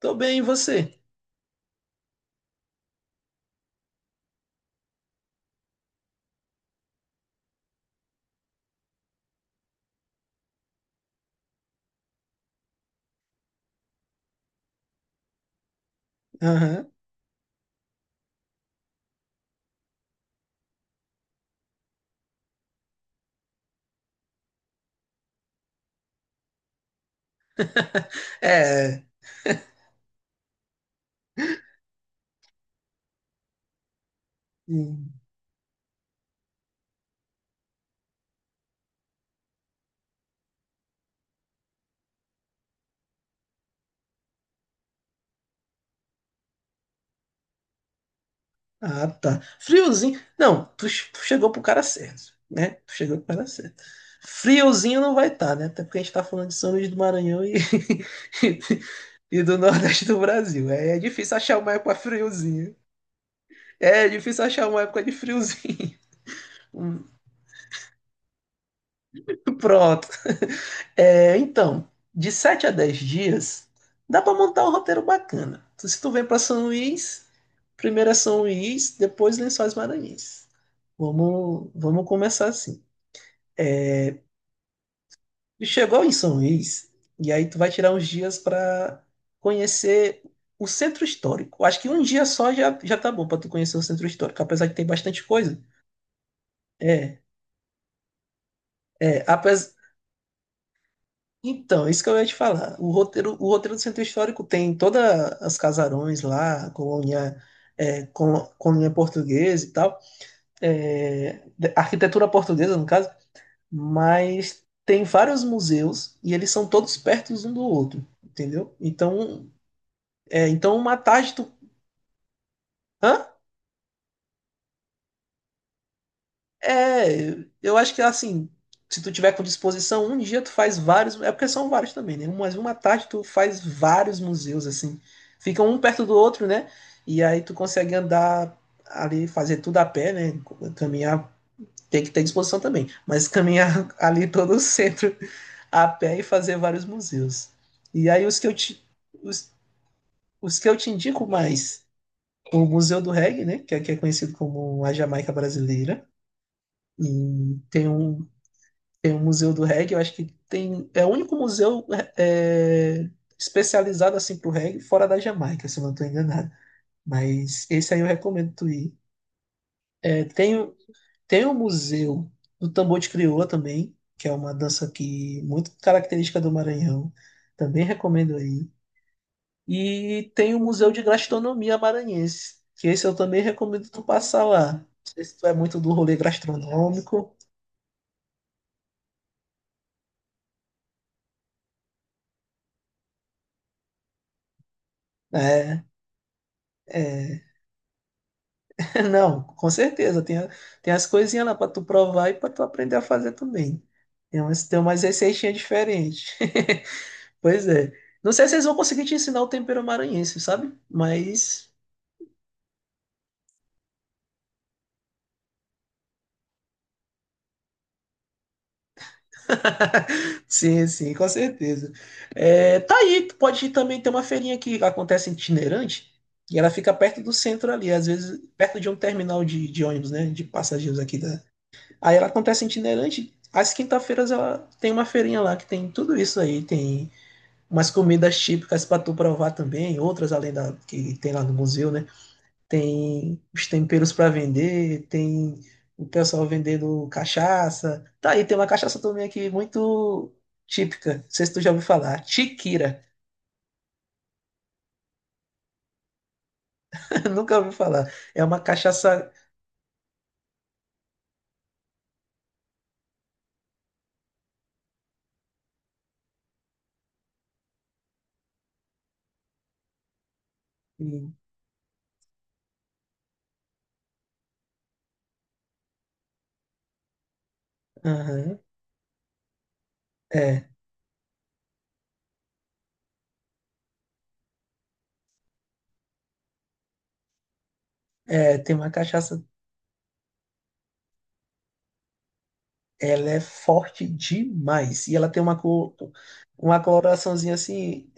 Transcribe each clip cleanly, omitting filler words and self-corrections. Tô bem, e você? Aham. É. hum, Ah, tá. Friozinho. Não, tu, tu chegou pro cara certo, né? Tu chegou pro cara certo. Friozinho não vai estar, né? Até porque a gente tá falando de São Luís do Maranhão e do Nordeste do Brasil. É difícil achar uma época friozinho. É difícil achar uma época de friozinho. Hum. Pronto. É, então, de 7 a 10 dias, dá para montar um roteiro bacana. Então, se tu vem para São Luís, primeiro é São Luís, depois Lençóis Maranhenses. Vamos começar assim. Tu chegou em São Luís, e aí tu vai tirar uns dias para conhecer o centro histórico. Acho que um dia só já tá bom para tu conhecer o centro histórico, apesar de ter bastante coisa. É, é, apes- Então, isso que eu ia te falar. O roteiro do Centro Histórico tem todas as casarões lá, colônia, colônia portuguesa e tal, arquitetura portuguesa, no caso, mas tem vários museus e eles são todos perto um do outro, entendeu? Então, é, então uma tarde tu... Hã? É, eu acho que assim, se tu tiver com disposição, um dia tu faz vários, é porque são vários também, né? Mas uma tarde tu faz vários museus assim, ficam um perto do outro, né? E aí tu consegue andar ali, fazer tudo a pé, né? Caminhar, tem que ter disposição também, mas caminhar ali todo o centro a pé e fazer vários museus. E aí os, os que eu te indico mais, o Museu do Reggae, né? Que aqui é conhecido como a Jamaica Brasileira. E tem o Museu do Reggae, eu acho que tem. É o único museu é, é, especializado assim pro reggae fora da Jamaica, se eu não estou enganado. Mas esse aí eu recomendo tu ir. É, tem, o- tem o Museu do Tambor de Crioula também, que é uma dança que muito característica do Maranhão. Também recomendo aí. E tem o Museu de Gastronomia Maranhense, que esse eu também recomendo tu passar lá. Não sei se tu é muito do rolê gastronômico, né? É, Não, com certeza. Tem as coisinhas lá para tu provar e para tu aprender a fazer também. Tem umas receitinhas diferentes. Pois é. Não sei se eles vão conseguir te ensinar o tempero maranhense, sabe? Mas. Sim, sim, com certeza. É, tá aí, tu pode também ter uma feirinha que acontece itinerante e ela fica perto do centro ali, às vezes perto de um terminal de ônibus, né? De passageiros aqui da. Aí ela acontece itinerante. Às quinta-feiras ela tem uma feirinha lá que tem tudo isso aí. Tem umas comidas típicas para tu provar também, outras além da que tem lá no museu, né? Tem os temperos para vender, tem o pessoal vendendo cachaça. Tá aí, tem uma cachaça também aqui muito típica. Não sei se tu já ouviu falar. Tiquira. Nunca ouviu falar. É uma cachaça. Aham. É, tem uma cachaça. Ela é forte demais. E ela tem uma cor, uma coloraçãozinha assim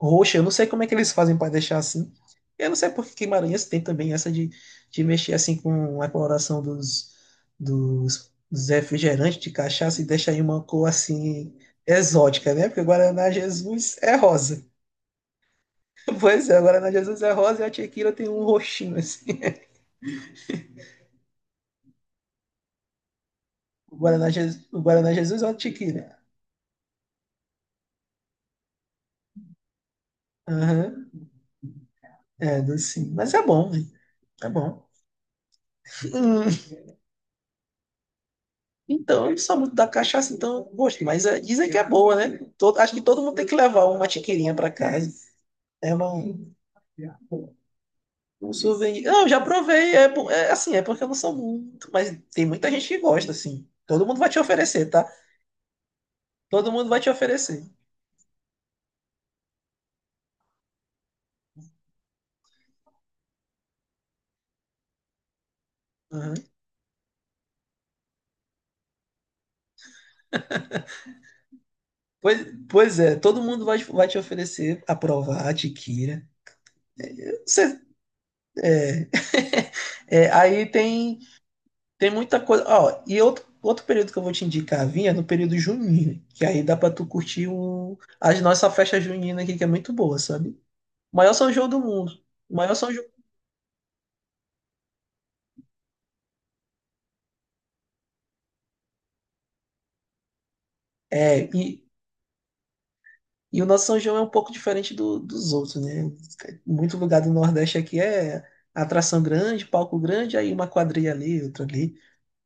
roxa. Eu não sei como é que eles fazem para deixar assim. Eu não sei porque Guimarães tem também essa de mexer assim com a coloração dos refrigerantes de cachaça e deixar em uma cor assim exótica, né? Porque o Guaraná Jesus é rosa. Pois é, o Guaraná Jesus é rosa e a tequila tem um roxinho assim. O Guaraná Jesus é uma tequila. Aham. É, docinho. Mas é bom, né? É bom. Hum. Então, eu não sou muito da cachaça, então gosto, mas é, dizem que é boa, né? Acho que todo mundo tem que levar uma tiqueirinha para casa. É uma, um souvenir. Não, eu já provei, é assim, é porque eu não sou muito, mas tem muita gente que gosta, assim. Todo mundo vai te oferecer, tá? Todo mundo vai te oferecer. Uhum. Pois, pois é, todo mundo vai te oferecer a provar a tiqueira. Você- é, aí tem tem muita coisa. Ó, e outro período que eu vou te indicar, vinha é no período junino, que aí dá pra tu curtir o as nossa festa junina aqui, que é muito boa, sabe? Maior São João do mundo. Maior São João. É, e, e o nosso São João é um pouco diferente dos outros, né? Muito lugar do Nordeste aqui é atração grande, palco grande, aí uma quadrilha ali, outra ali.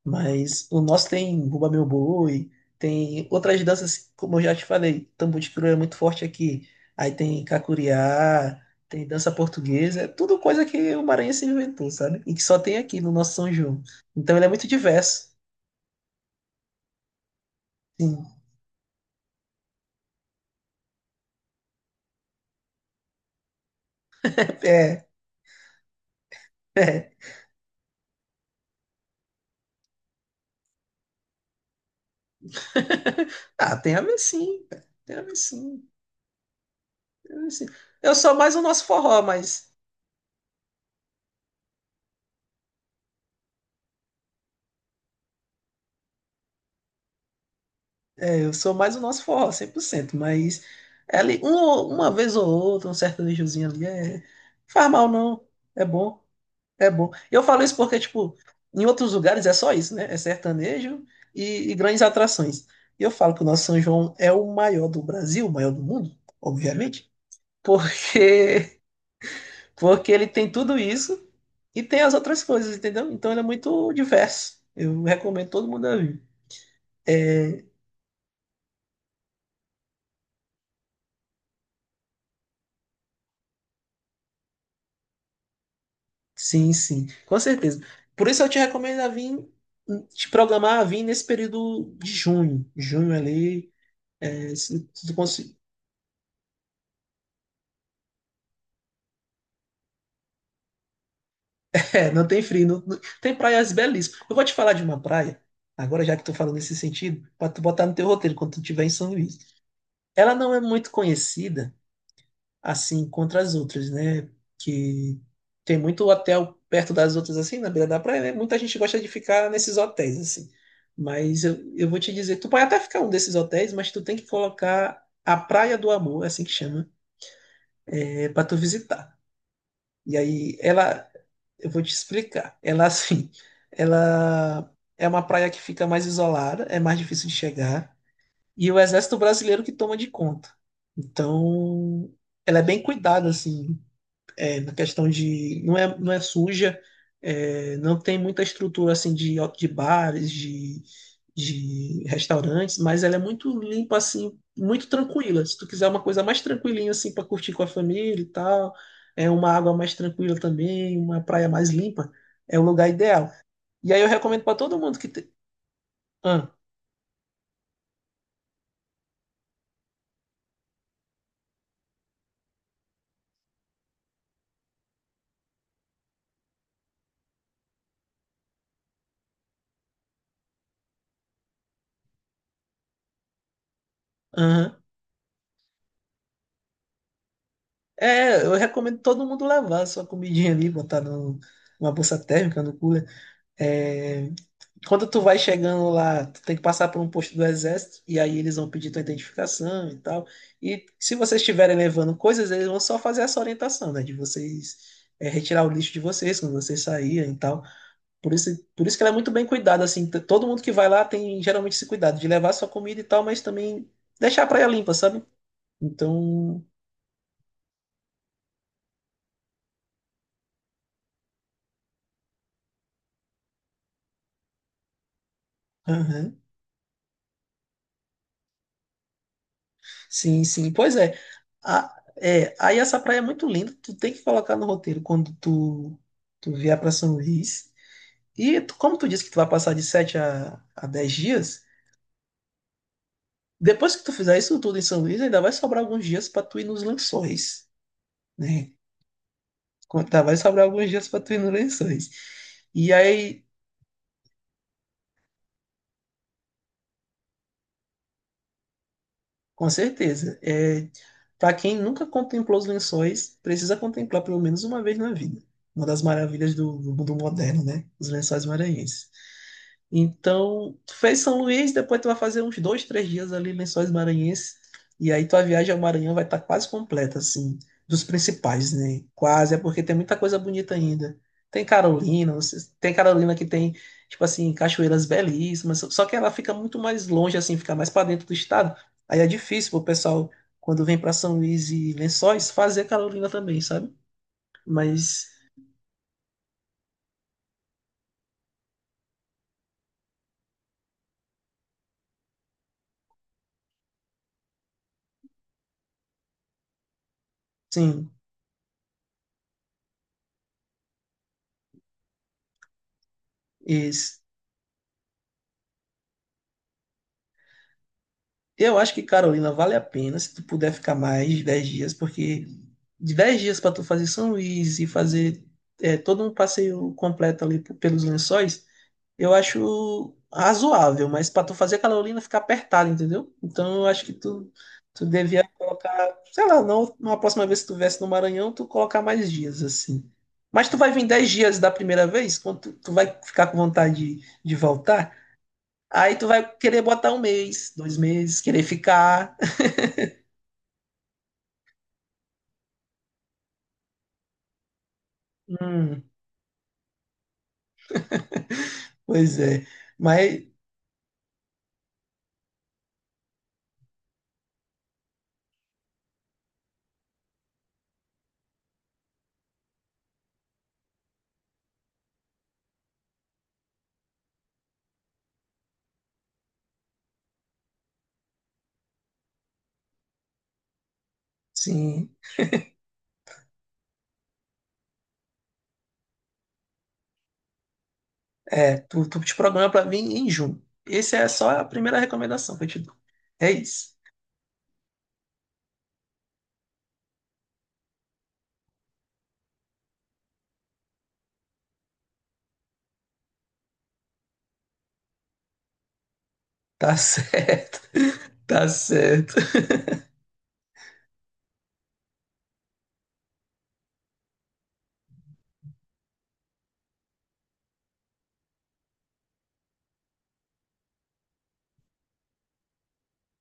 Mas o nosso tem Bumba Meu Boi, tem outras danças, como eu já te falei, tambor de crioulo é muito forte aqui. Aí tem cacuriá, tem dança portuguesa, é tudo coisa que o maranhense inventou, sabe? E que só tem aqui no nosso São João. Então ele é muito diverso. Sim. É, é. Ah, tem a ver sim, cara. Tem a ver sim, tem a ver sim. Eu sou mais o nosso forró, mas eu sou mais o nosso forró, 100%, mas é ali, uma vez ou outra, um certo lixozinho ali, é, faz mal não, é bom, é bom. Eu falo isso porque, tipo, em outros lugares é só isso, né? É sertanejo e grandes atrações. E eu falo que o nosso São João é o maior do Brasil, o maior do mundo, obviamente, porque, porque ele tem tudo isso e tem as outras coisas, entendeu? Então ele é muito diverso. Eu recomendo todo mundo a vir. Sim, sim, com certeza. Por isso eu te recomendo a vir, te programar a vir nesse período de junho. Junho ali, é, se tu conseguir. É, não tem frio, tem praias belíssimas. Eu vou te falar de uma praia, agora já que tu falando nesse sentido, para tu botar no teu roteiro quando tu estiver em São Luís. Ela não é muito conhecida, assim contra as outras, né? Que tem muito hotel perto das outras, assim, na beira da praia, né? Muita gente gosta de ficar nesses hotéis, assim. Mas eu vou te dizer, tu pode até ficar um desses hotéis, mas tu tem que colocar a Praia do Amor, é assim que chama, é, para tu visitar. E aí, ela, eu vou te explicar. Ela, assim, ela é uma praia que fica mais isolada, é mais difícil de chegar, e o Exército Brasileiro que toma de conta. Então, ela é bem cuidada, assim, é, na questão de não é, não é suja, é, não tem muita estrutura assim de bares, de restaurantes, mas ela é muito limpa assim, muito tranquila. Se tu quiser uma coisa mais tranquilinha assim para curtir com a família e tal, é uma água mais tranquila também, uma praia mais limpa, é o lugar ideal. E aí eu recomendo para todo mundo que tem. Ah, aham. É, eu recomendo todo mundo levar a sua comidinha ali, botar numa bolsa térmica, no cooler. É, quando tu vai chegando lá, tu tem que passar por um posto do exército, e aí eles vão pedir tua identificação e tal. E se vocês estiverem levando coisas, eles vão só fazer essa orientação, né? De vocês é, retirar o lixo de vocês quando vocês saírem e tal. Por isso, por isso que ela é muito bem cuidada, assim. Todo mundo que vai lá tem geralmente esse cuidado de levar sua comida e tal, mas também deixar a praia limpa, sabe? Então. Aham. Sim, sim. Pois é. É. Aí essa praia é muito linda, tu tem que colocar no roteiro quando tu vier para São Luís. Como tu disse que tu vai passar de 7 a 10 dias, depois que tu fizer isso tudo em São Luís, ainda vai sobrar alguns dias para tu ir nos lençóis, né? Tá, vai sobrar alguns dias para tu ir nos lençóis. E aí, com certeza, é, para quem nunca contemplou os lençóis, precisa contemplar pelo menos uma vez na vida. Uma das maravilhas do mundo moderno, né? Os lençóis maranhenses. Então, tu fez São Luís, depois tu vai fazer uns dois, três dias ali em Lençóis Maranhenses, e aí tua viagem ao Maranhão vai estar quase completa, assim, dos principais, né? Quase, é porque tem muita coisa bonita ainda. Tem Carolina, tem Carolina que tem, tipo assim, cachoeiras belíssimas, só que ela fica muito mais longe, assim, fica mais para dentro do estado. Aí é difícil pro pessoal, quando vem para São Luís e Lençóis, fazer Carolina também, sabe? Mas, sim, eu acho que Carolina vale a pena se tu puder ficar mais de 10 dias, porque de 10 dias para tu fazer São Luís e fazer é, todo um passeio completo ali pelos Lençóis, eu acho razoável, mas para tu fazer Carolina fica apertado, entendeu? Então eu acho que tu, tu devia colocar, sei lá, não, uma próxima vez que tu viesse no Maranhão, tu colocar mais dias assim. Mas tu vai vir 10 dias da primeira vez? Quando tu vai ficar com vontade de voltar? Aí tu vai querer botar um mês, dois meses, querer ficar. Hum, pois é. Mas, sim, é, tu te programa pra vir em junho. Essa é só a primeira recomendação que eu te dou. É isso. Tá certo. Tá certo.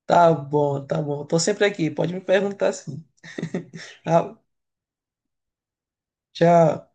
Tá bom, tá bom. Tô sempre aqui. Pode me perguntar sim. Tá, tchau.